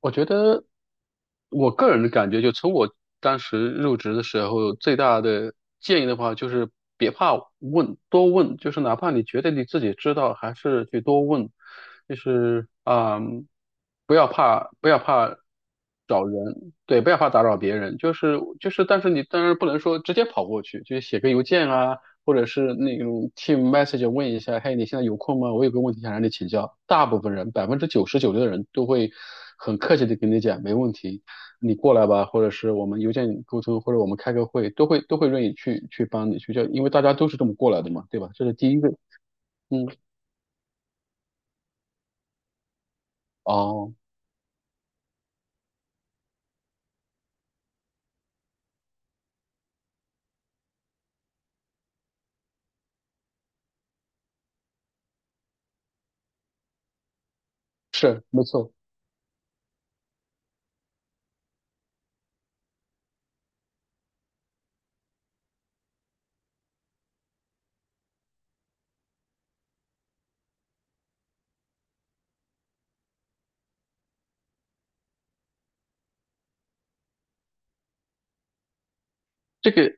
我觉得我个人的感觉，就从我当时入职的时候，最大的建议的话，就是别怕问，多问，就是哪怕你觉得你自己知道，还是去多问，就是啊、嗯不要怕，不要怕找人，对，不要怕打扰别人，但是你当然不能说直接跑过去，就是写个邮件啊，或者是那种 team message 问一下，嘿，你现在有空吗？我有个问题想让你请教。大部分人，百分之九十九的人都会很客气的跟你讲，没问题，你过来吧，或者是我们邮件沟通，或者我们开个会，都会愿意去帮你去教，因为大家都是这么过来的嘛，对吧？这是第一个，嗯，哦，是，没错。这个。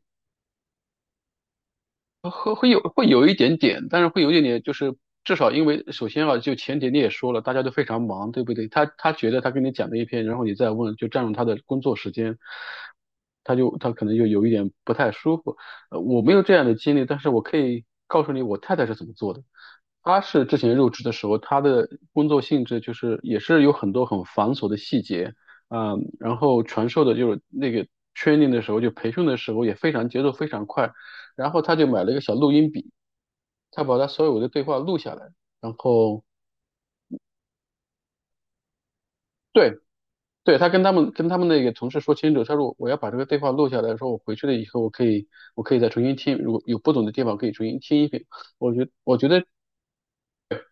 会有一点点，但是会有一点点，就是至少因为首先啊，就前提你也说了，大家都非常忙，对不对？他觉得他跟你讲了一篇，然后你再问，就占用他的工作时间，他可能就有一点不太舒服。我没有这样的经历，但是我可以告诉你我太太是怎么做的。他是之前入职的时候，他的工作性质就是也是有很多很繁琐的细节，嗯，然后传授的就是那个 training 的时候，就培训的时候也非常节奏非常快，然后他就买了一个小录音笔，他把他所有的对话录下来，然后，对对，他跟他们那个同事说清楚，他说我要把这个对话录下来，说我回去了以后我可以再重新听，如果有不懂的地方可以重新听一遍。我觉得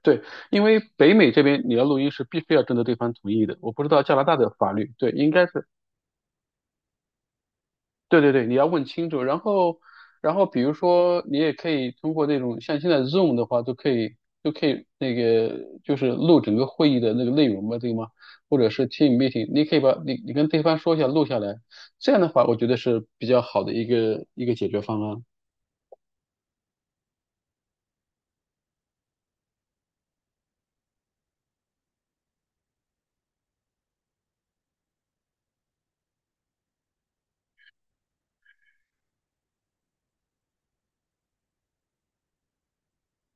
对，因为北美这边你要录音是必须要征得对方同意的，我不知道加拿大的法律，对，应该是，对对对，你要问清楚。然后比如说你也可以通过那种像现在 Zoom 的话，都可以那个就是录整个会议的那个内容嘛，对吗？或者是 Team meeting,你可以你跟对方说一下录下来，这样的话我觉得是比较好的一个解决方案。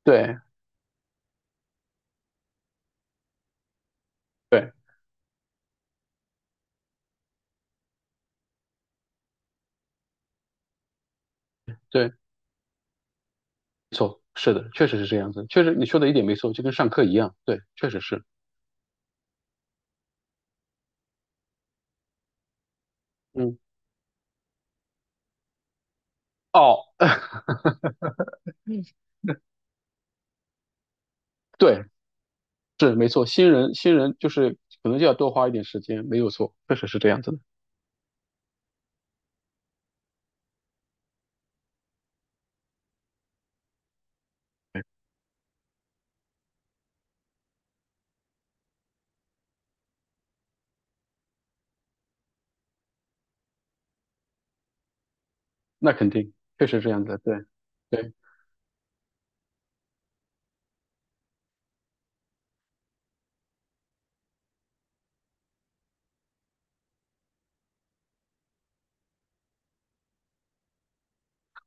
对对对，没错，是的，确实是这样子，确实你说的一点没错，就跟上课一样，对，确实是，嗯。哦，对，是没错，新人就是可能就要多花一点时间，没有错，确实是这样子的。对，那肯定，确实这样子的，对。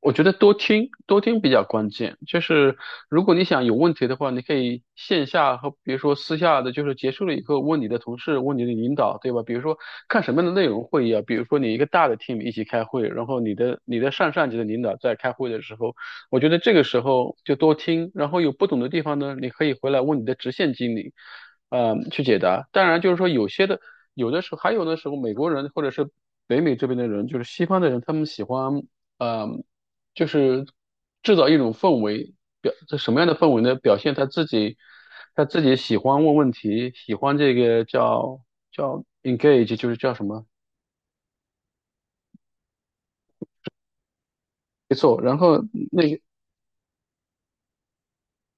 我觉得多听多听比较关键，就是如果你想有问题的话，你可以线下和比如说私下的，就是结束了以后问你的同事，问你的领导，对吧？比如说看什么样的内容会议啊，比如说你一个大的 team 一起开会，然后你的上上级的领导在开会的时候，我觉得这个时候就多听，然后有不懂的地方呢，你可以回来问你的直线经理，去解答。当然就是说有些的，有的时候美国人或者是北美这边的人，就是西方的人，他们喜欢。呃。就是制造一种氛围，表这什么样的氛围呢？表现他自己，他自己喜欢问问题，喜欢这个叫 engage,就是叫什么？没错。然后那个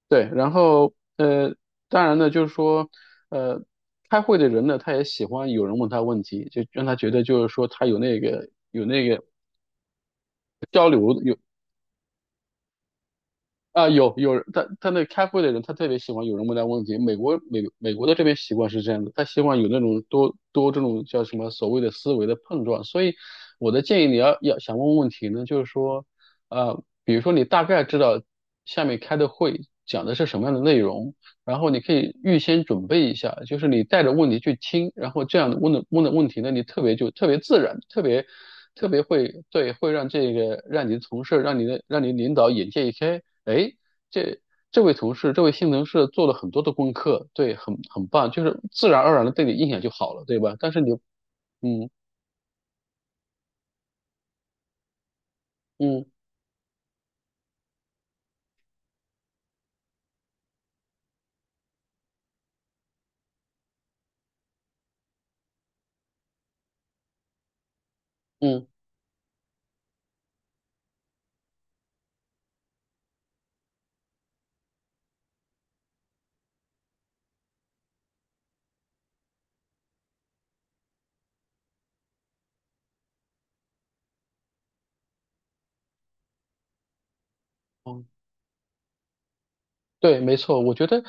对，然后，当然呢，就是说，呃，开会的人呢，他也喜欢有人问他问题，就让他觉得就是说他有那个啊，有人，他那开会的人，他特别喜欢有人问他问题。美国的这边习惯是这样的，他希望有那种多多这种叫什么所谓的思维的碰撞。所以我的建议，你要想问问题呢，就是说，比如说你大概知道下面开的会讲的是什么样的内容，然后你可以预先准备一下，就是你带着问题去听，然后这样问的问题呢，你特别就特别自然，特别特别会对，会让这个让你的同事，让你领导眼界一开。哎，这这位同事，这位性能是做了很多的功课，对，很很棒，就是自然而然的对你印象就好了，对吧？但是你，嗯嗯嗯嗯，对，没错，我觉得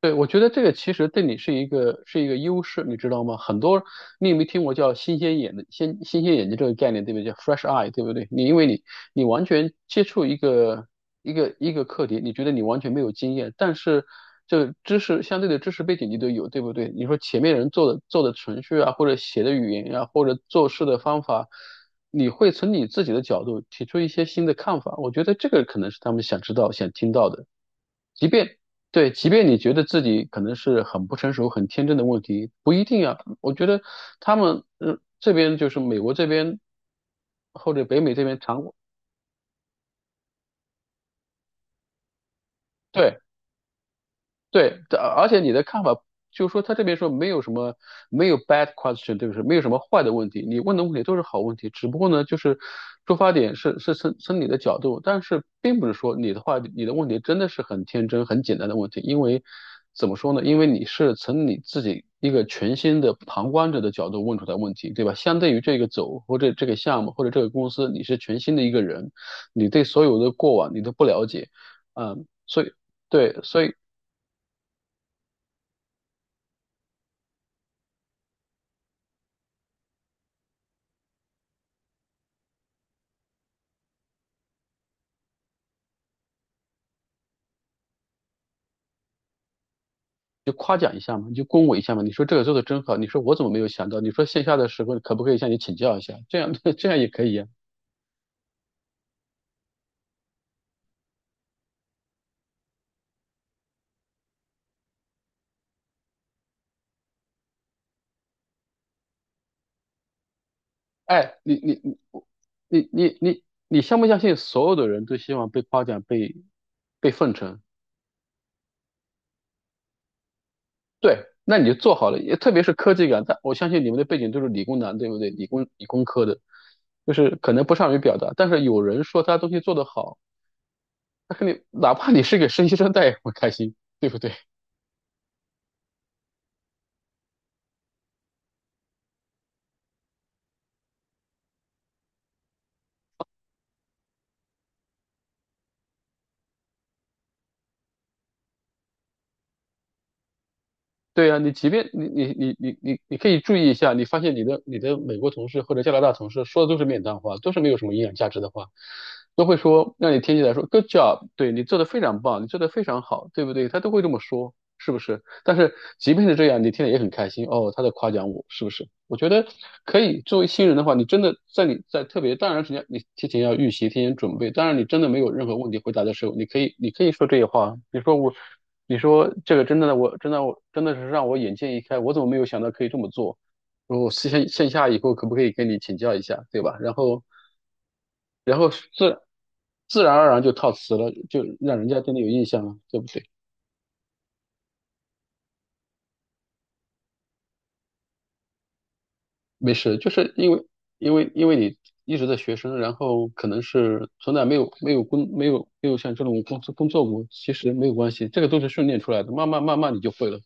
对，我觉得这个其实对你是一个优势，你知道吗？你有没有听过叫新鲜眼睛这个概念，对不对？叫 fresh eye,对不对？因为你完全接触一个课题，你觉得你完全没有经验，但是这个知识相对的知识背景你都有，对不对？你说前面人做的程序啊，或者写的语言呀、或者做事的方法，你会从你自己的角度提出一些新的看法，我觉得这个可能是他们想知道、想听到的。即便对，即便你觉得自己可能是很不成熟、很天真的问题，不一定啊。我觉得他们，嗯，这边就是美国这边或者北美这边常，对对，这而且你的看法就是说，他这边说没有什么没有 bad question,对不对？没有什么坏的问题，你问的问题都是好问题，只不过呢，就是出发点是你的角度，但是并不是说你的问题真的是很天真、很简单的问题，因为怎么说呢？因为你是从你自己一个全新的旁观者的角度问出来问题，对吧？相对于这个走或者这个项目或者这个公司，你是全新的一个人，你对所有的过往你都不了解，嗯，所以。对，所以就夸奖一下嘛，你就恭维一下嘛。你说这个做的真好，你说我怎么没有想到？你说线下的时候可不可以向你请教一下？这样也可以呀、哎，你相不相信所有的人都希望被夸奖、被奉承？对，那你就做好了。也特别是科技感，但我相信你们的背景都是理工男，对不对？理工理工科的，就是可能不善于表达，但是有人说他东西做得好，他肯定哪怕你是给实习生，带，也会开心，对不对？对啊，你即便你你你你你你可以注意一下，你发现你的美国同事或者加拿大同事说的都是面谈话，都是没有什么营养价值的话，都会说让你听起来说 “good job”,对你做的非常棒，你做的非常好，对不对？他都会这么说，是不是？但是即便是这样，你听了也很开心哦，他在夸奖我，是不是？我觉得可以，作为新人的话，你在特别，当然时间，你提前要预习，提前准备。当然你真的没有任何问题回答的时候，你可以说这些话啊，你说我。你说这个真的，我真的是让我眼界一开，我怎么没有想到可以这么做？然后线下以后可不可以跟你请教一下，对吧？然后然后自自然而然就套词了，就让人家对你有印象了，对不对？没事，就是因为你一直在学生，然后可能是从来没有像这种工作过，其实没有关系，这个都是训练出来的，慢慢慢慢你就会了。